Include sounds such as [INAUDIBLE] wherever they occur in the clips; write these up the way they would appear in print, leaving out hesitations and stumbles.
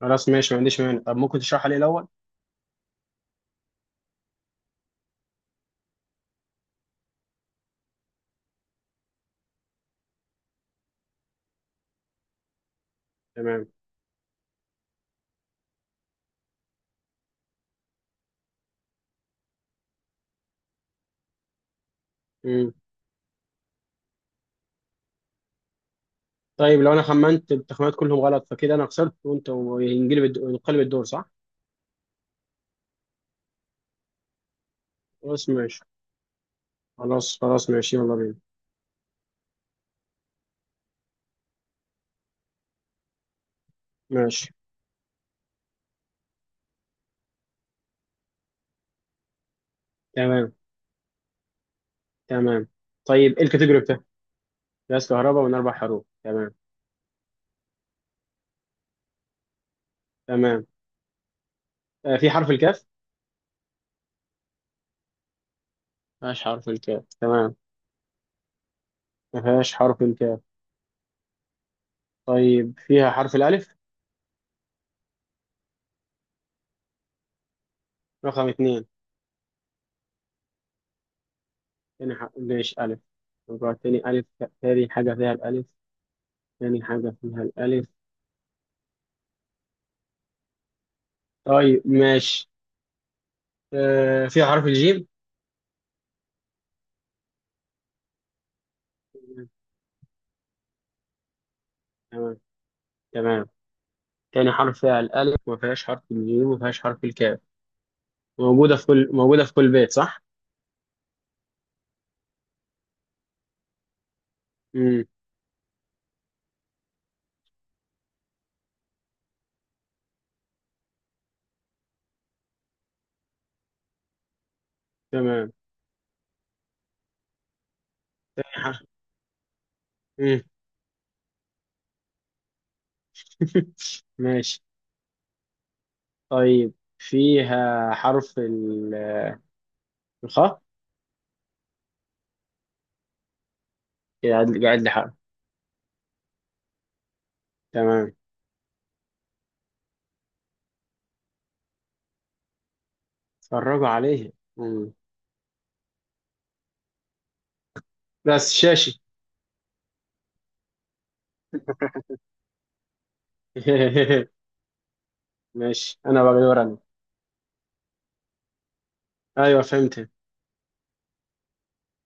خلاص ماشي، ما عنديش مانع. طب ممكن تشرحها لي الاول؟ تمام. امم طيب لو انا خمنت التخمينات كلهم غلط فكده انا خسرت وانت وينقلب ينقلب الدور، صح؟ خلاص ماشي. خلاص ماشي، يلا بينا. ماشي. تمام تمام. طيب ايه الكاتيجوري بتاعك؟ غاز كهرباء من اربع حروف، تمام. تمام. آه، في حرف الكاف. ما فيهاش حرف الكاف، تمام. ما فيهاش حرف الكاف. طيب فيها حرف الالف؟ رقم اثنين. تاني حرف، ماشي، الف. رقم تاني الف. تاني حاجه فيها الالف. تاني حاجه فيها الالف. طيب ماشي. آه، فيها حرف الجيم. تمام تمام. تاني حرف فيها الألف، ما فيهاش حرف الجيم، وما فيهاش حرف الكاف. موجودة في كل بيت، صح؟ امم تمام. تاني حرف. امم [LAUGHS] ماشي. طيب فيها حرف الخاء. قاعد لي حرف. تمام. اتفرجوا عليه. مم. بس شاشي. [LAUGHS] ماشي، انا بقى دور انا. ايوه فهمت.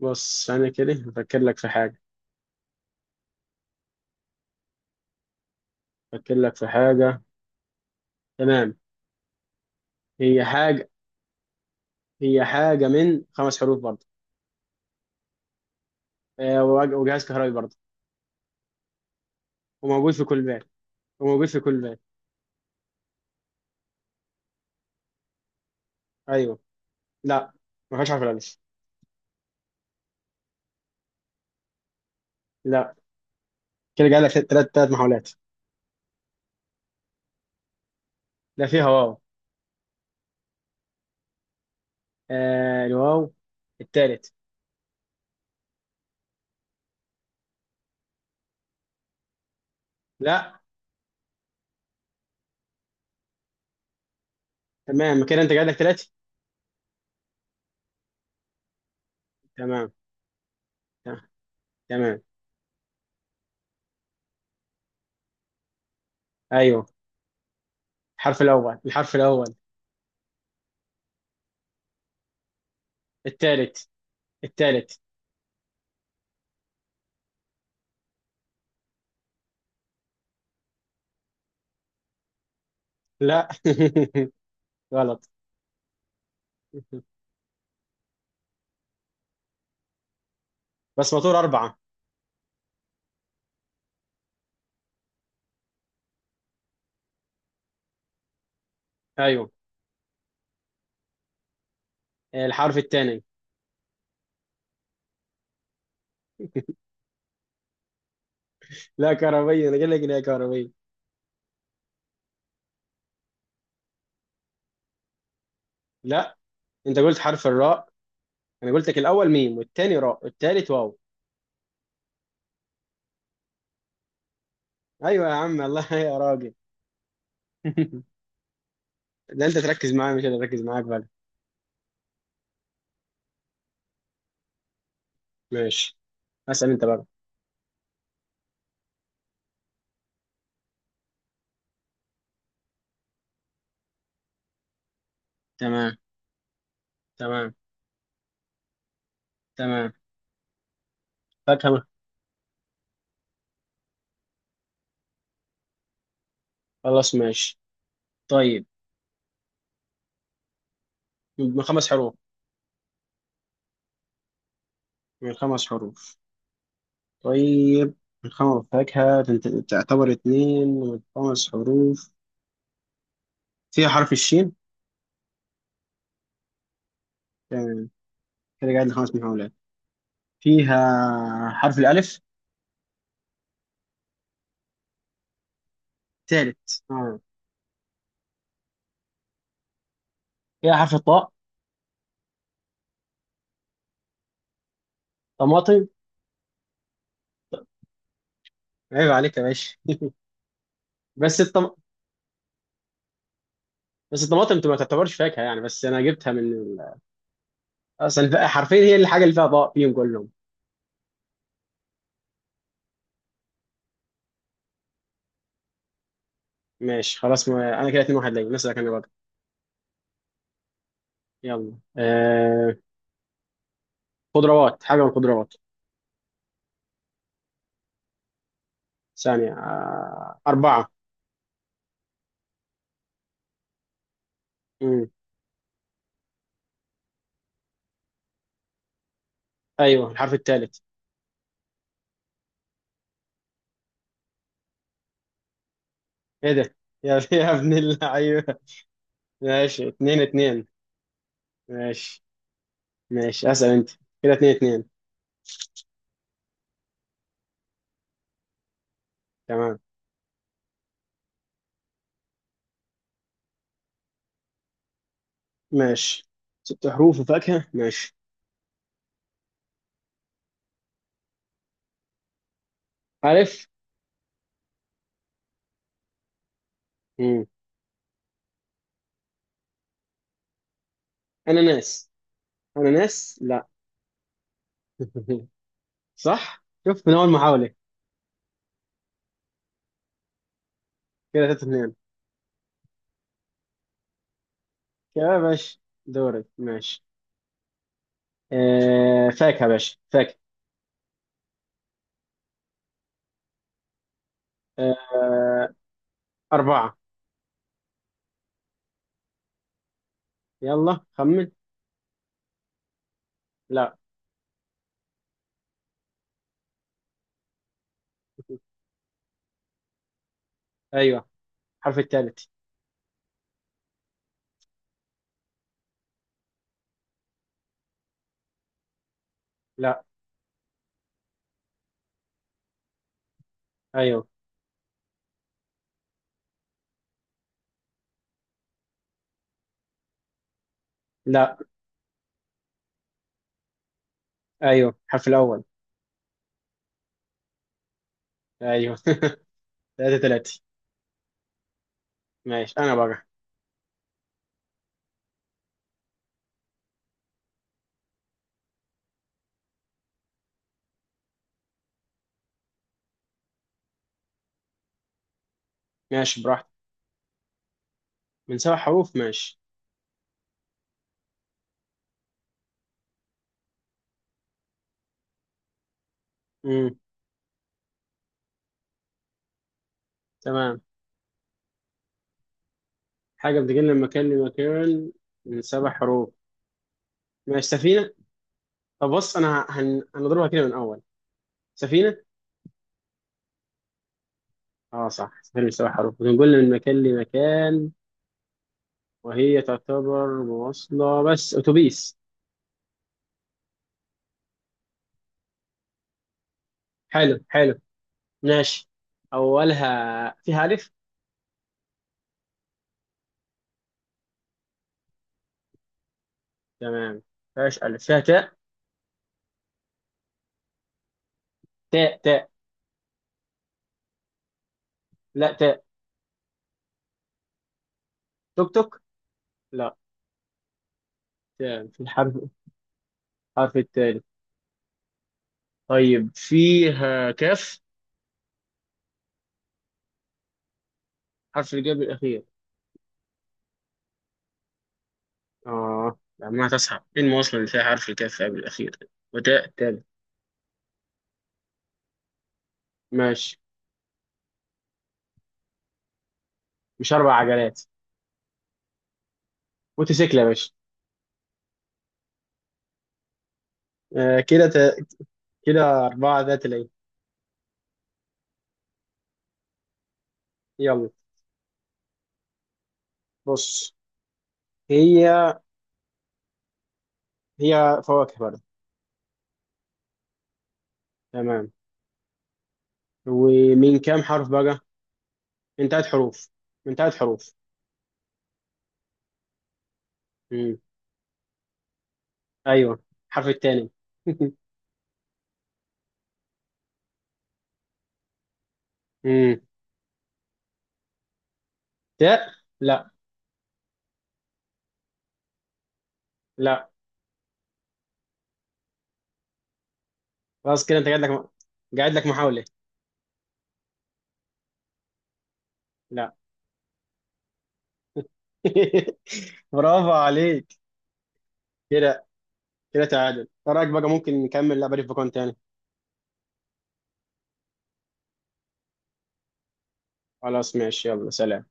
بص، انا كده بفكر لك في حاجه. بفكر لك في حاجه. تمام. هي حاجه. هي حاجة من خمس حروف برضه. آه، وجهاز كهربي برضه. وموجود في كل بيت وموجود في كل بيت. أيوه. لا، ما فيهاش حرف الألف. لا. كده جاي لك تلات محاولات. لا، فيها واو. آه الواو. التالت. لا. تمام، كده أنت جاي لك تلاتة. تمام. ت- تمام. أيوه. الحرف الأول. التالت. التالت. لا. [LAUGHS] غلط. بس مطور أربعة. أيوه. آه، الحرف الثاني. لا كهربية، أنا جاي لك إن هي كهربية. لا، أنت قلت حرف الراء. انا قلت لك الاول ميم، والتاني راء، والتالت واو. ايوه يا عم، الله يا راجل. [LAUGHS] لا انت تركز معايا، مش انا اركز معاك بقى. ماشي، اسال انت بقى. تمام تمام. تمام. فاكهه، خلاص ماشي. طيب. من خمس حروف. من خمس حروف. طيب. من خمس، فاكهه، تعتبر اتنين من خمس حروف. فيها حرف الشين. تمام، كده قاعد لخمس محاولات. فيها حرف الالف. تالت، اه. فيها حرف الطاء. طماطم. عيب عليك يا باشا. [LAUGHS] بس بس الطماطم انت ما تعتبرش فاكهه يعني، بس انا جبتها من اصلا حرفيا هي الحاجه اللي فيها ضاء فيهم كلهم. ماشي خلاص ما... انا كده 2 1 ليا، مثلا انا بقى. يلا خضروات، حاجه من الخضروات. ثانيه، اربعه. مم. ايوه، الحرف الثالث. ايه ده؟ يا [LAUGHS] يا ابن اللعيبه. ماشي، اتنين اتنين. ماشي ماشي، اسال انت. كده اتنين اتنين. تمام. ماشي. ست حروف وفاكهه، ماشي. الف. مم. اناناس. اناناس؟ لا [LAUGHS] صح، شوف من اول محاوله. كده 3 2. يا باشا. دورك، ماشي. آه فاكهه يا باشا، فاكهه. آه اربعه. يلا خمن. لا. ايوه الحرف الثالث. لا. ايوه. لا. ايوه الحرف الاول. ايوه. [LAUGHS] 3 3. ماشي، انا بقى. ماشي براحتك. من سبع حروف. ماشي. امم تمام. حاجه بتجي من مكان لمكان. من سبع حروف، ماشي. سفينه. طب بص انا هنضربها كده من اول. سفينه. اه صح، سهل بسبع حروف، بنقول من مكان لمكان وهي تعتبر مواصلة، بس أتوبيس. حلو حلو، ماشي. أولها فيها ألف. تمام. فيهاش ألف، فيها تاء. تاء. لا تاء. توك توك. لا، تاء في الحرف. الحرف التالي. طيب فيها كاف؟ حرف الجاب الأخير. اه، لما تصحى، إيه المواصلة اللي فيها حرف الكاف قبل الأخير وتاء تالت؟ ماشي. مش أربع عجلات؟ موتوسيكل يا باشا. آه كده كده أربعة ذات العين. يلا. بص. هي. هي فواكه بقى. تمام. ومن كام حرف بقى؟ من ثلاث حروف. من ثلاث حروف. امم ايوه، الحرف الثاني. [LAUGHS] امم تاء. لا. لا. خلاص، كده انت قاعد لك قاعد لك محاولة. لا. [LAUGHS] برافو عليك. كده. كده تعادل، ايه رايك بقى ممكن نكمل لعبة في بكون تاني. خلاص ماشي، يلا سلام.